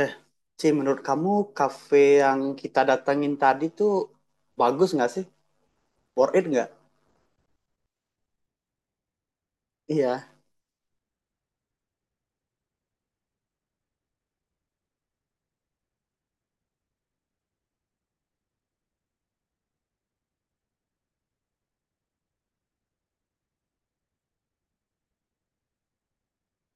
Eh, Ci, menurut kamu kafe yang kita datangin tadi tuh bagus nggak sih? Worth it nggak? Iya,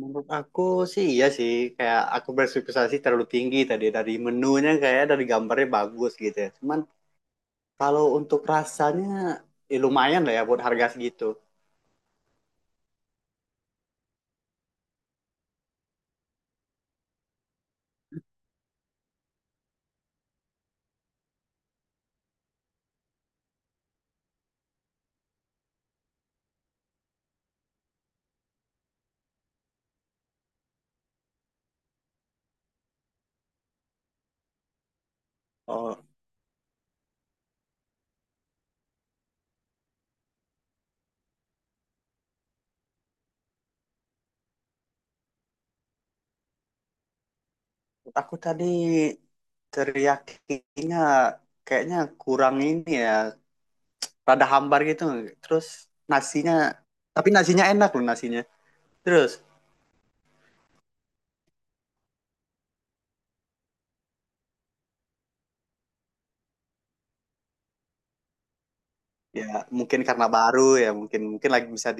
menurut aku sih iya sih. Kayak aku berspekkulasi terlalu tinggi tadi. Dari menunya kayak dari gambarnya bagus gitu ya. Cuman kalau untuk rasanya ya lumayan lah ya buat harga segitu. Oh, menurut aku tadi teriyakinya kayaknya kurang ini ya. Rada hambar gitu. Terus nasinya, tapi nasinya enak loh nasinya. Terus ya, mungkin karena baru ya, mungkin mungkin lagi bisa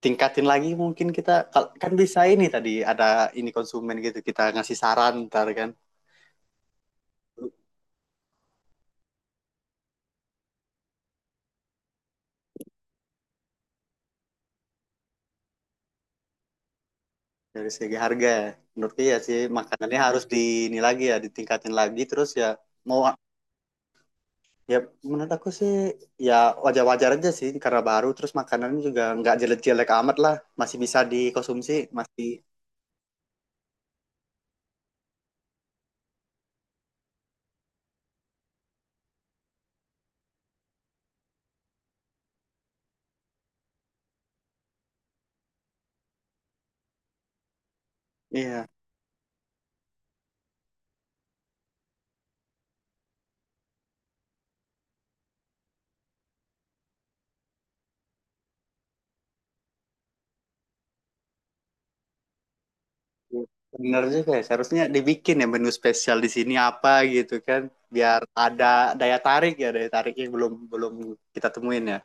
ditingkatin lagi mungkin kita kan bisa ini tadi ada ini konsumen gitu kita ngasih saran ntar kan dari segi harga ya. Menurutku ya sih makanannya harus di ini lagi ya ditingkatin lagi terus ya mau ya menurut aku sih ya wajar-wajar aja sih karena baru terus makanannya juga nggak jelek-jelek amat lah masih bisa dikonsumsi masih iya. Bener juga ya, seharusnya dibikin ya menu spesial di sini apa gitu kan, biar ada daya tarik ya, daya tarik yang belum belum kita temuin ya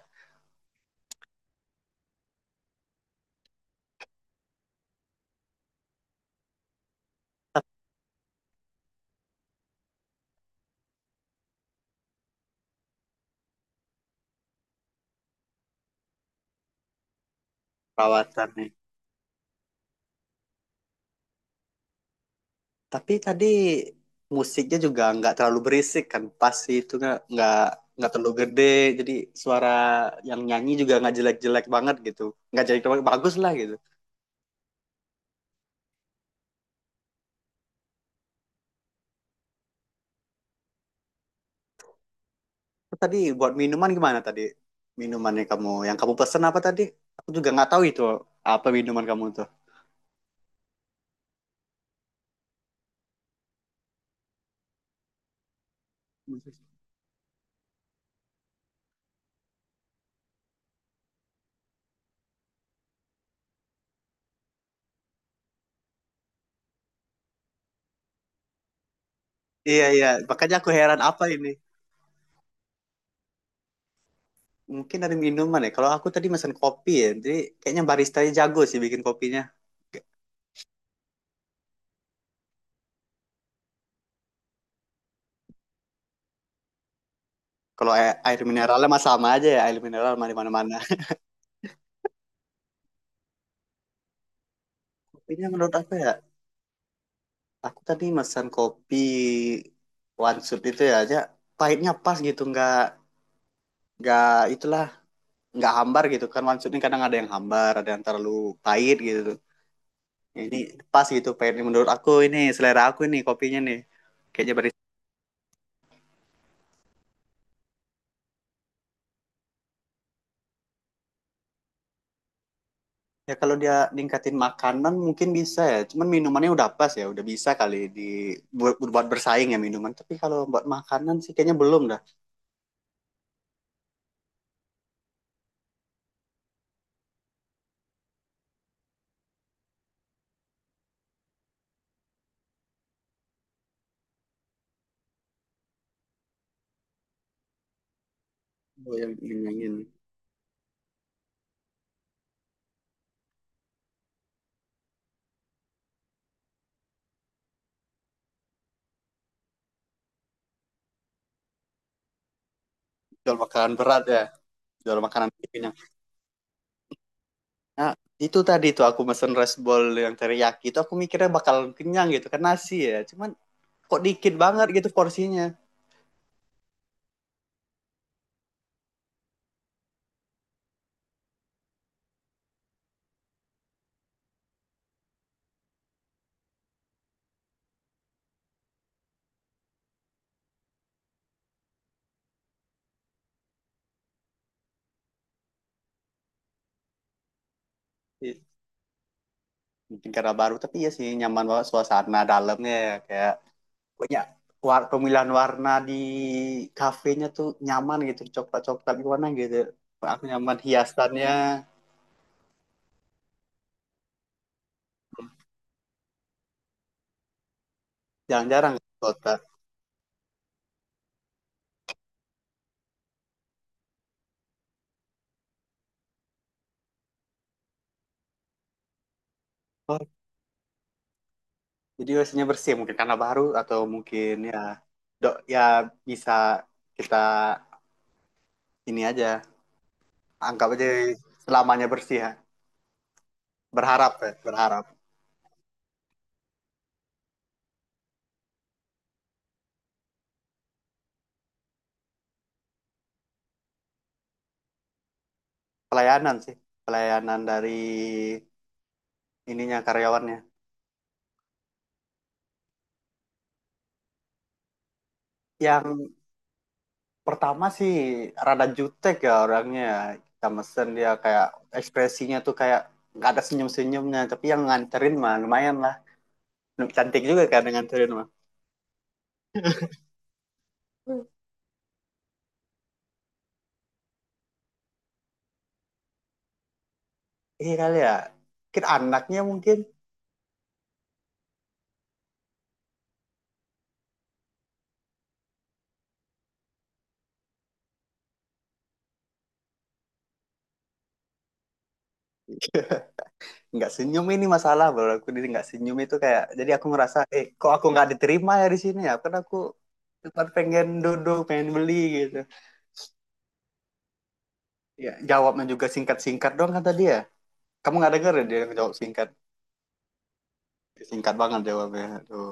perawatannya. Tapi tadi musiknya juga nggak terlalu berisik kan, pas sih itu nggak nggak terlalu gede, jadi suara yang nyanyi juga nggak jelek-jelek banget gitu, nggak jelek banget, bagus lah gitu. Terus tadi buat minuman gimana tadi minumannya kamu, yang kamu pesen apa tadi? Aku juga nggak tahu itu apa minuman kamu tuh. Iya iya, makanya aku heran apa ini? Mungkin dari minuman ya. Kalau aku tadi pesan kopi ya, jadi kayaknya baristanya jago sih bikin kopinya. Kalau air mineralnya mah sama aja ya, air mineral mah di mana-mana. Kopinya menurut aku ya, aku tadi pesan kopi one shot itu ya aja pahitnya pas gitu, nggak itulah, nggak hambar gitu kan one shot ini kadang ada yang hambar, ada yang terlalu pahit gitu. Ini pas gitu pahitnya menurut aku ini selera aku ini kopinya nih. Kayaknya ya kalau dia ningkatin makanan mungkin bisa ya. Cuman minumannya udah pas ya, udah bisa kali di buat bersaing ya minuman. Tapi kalau buat makanan sih kayaknya belum dah. Oh, yang ingin jual makanan berat ya, jual makanan kenyang. Nah, itu tadi tuh aku mesen rice bowl yang teriyaki itu aku mikirnya bakal kenyang gitu kan nasi ya. Cuman kok dikit banget gitu porsinya. Iya, mungkin karena baru tapi ya sih nyaman banget suasana dalamnya ya. Kayak banyak war pemilihan warna di kafenya tuh nyaman gitu coklat coklat warna gitu, aku nyaman hiasannya. Jarang-jarang ke kota. Oh, jadi biasanya bersih mungkin karena baru atau mungkin ya dok ya bisa kita ini aja anggap aja selamanya bersih ya, berharap ya berharap. Pelayanan sih, pelayanan dari ininya karyawannya. Yang pertama sih rada jutek ya orangnya, kita mesen dia kayak ekspresinya tuh kayak nggak ada senyum senyumnya tapi yang nganterin mah lumayan lah, cantik juga kan yang nganterin mah. Hmm. Iya kali ya, mungkin anaknya mungkin. Nggak senyum ini masalah baru aku, dia nggak senyum itu kayak, jadi aku ngerasa eh kok aku nggak diterima ya di sini ya karena aku cuma pengen duduk pengen beli gitu. Ya jawabnya juga singkat singkat doang kata dia, kamu nggak denger ya dia jawab singkat singkat banget jawabnya tuh.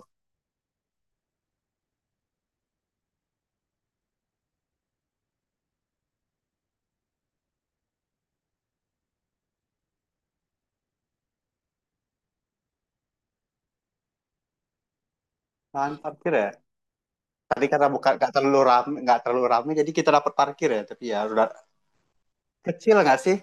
Mantap kira ya. Tadi karena bukan nggak terlalu ramai jadi kita dapat parkir ya. Tapi ya udah, kecil nggak sih?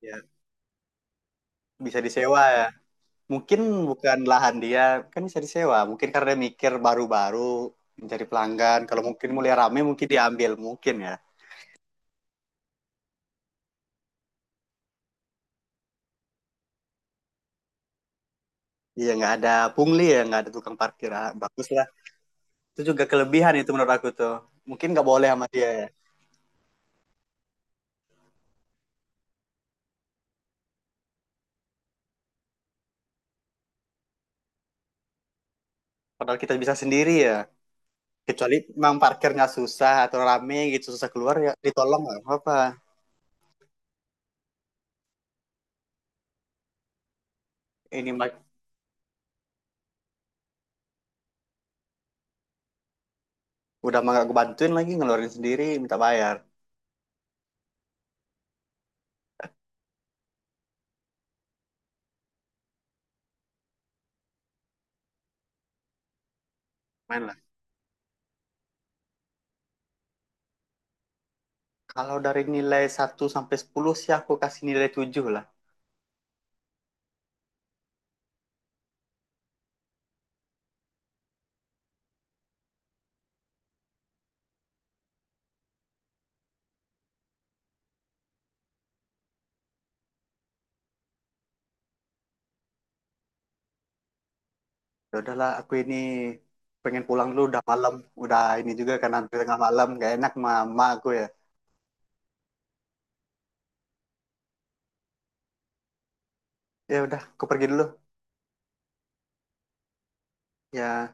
Ya, bisa disewa ya. Mungkin bukan lahan dia, kan bisa disewa. Mungkin karena mikir baru-baru mencari pelanggan. Kalau mungkin mulai ramai mungkin diambil mungkin ya. Iya nggak ada pungli ya, nggak ada tukang parkir. Ah, bagus lah. Itu juga kelebihan itu menurut aku tuh. Mungkin nggak boleh sama dia ya. Padahal kita bisa sendiri ya. Kecuali memang parkirnya susah atau rame gitu susah keluar ya ditolong nggak apa-apa. Ini udah mah gak gue bantuin lagi ngeluarin sendiri minta bayar. Main lah, kalau dari nilai 1 sampai 10 sih aku kasih nilai 7 lah. Ya udahlah aku ini pengen pulang dulu udah malam, udah ini juga kan hampir tengah malam, gak enak sama emak aku ya. Ya udah aku pergi dulu ya.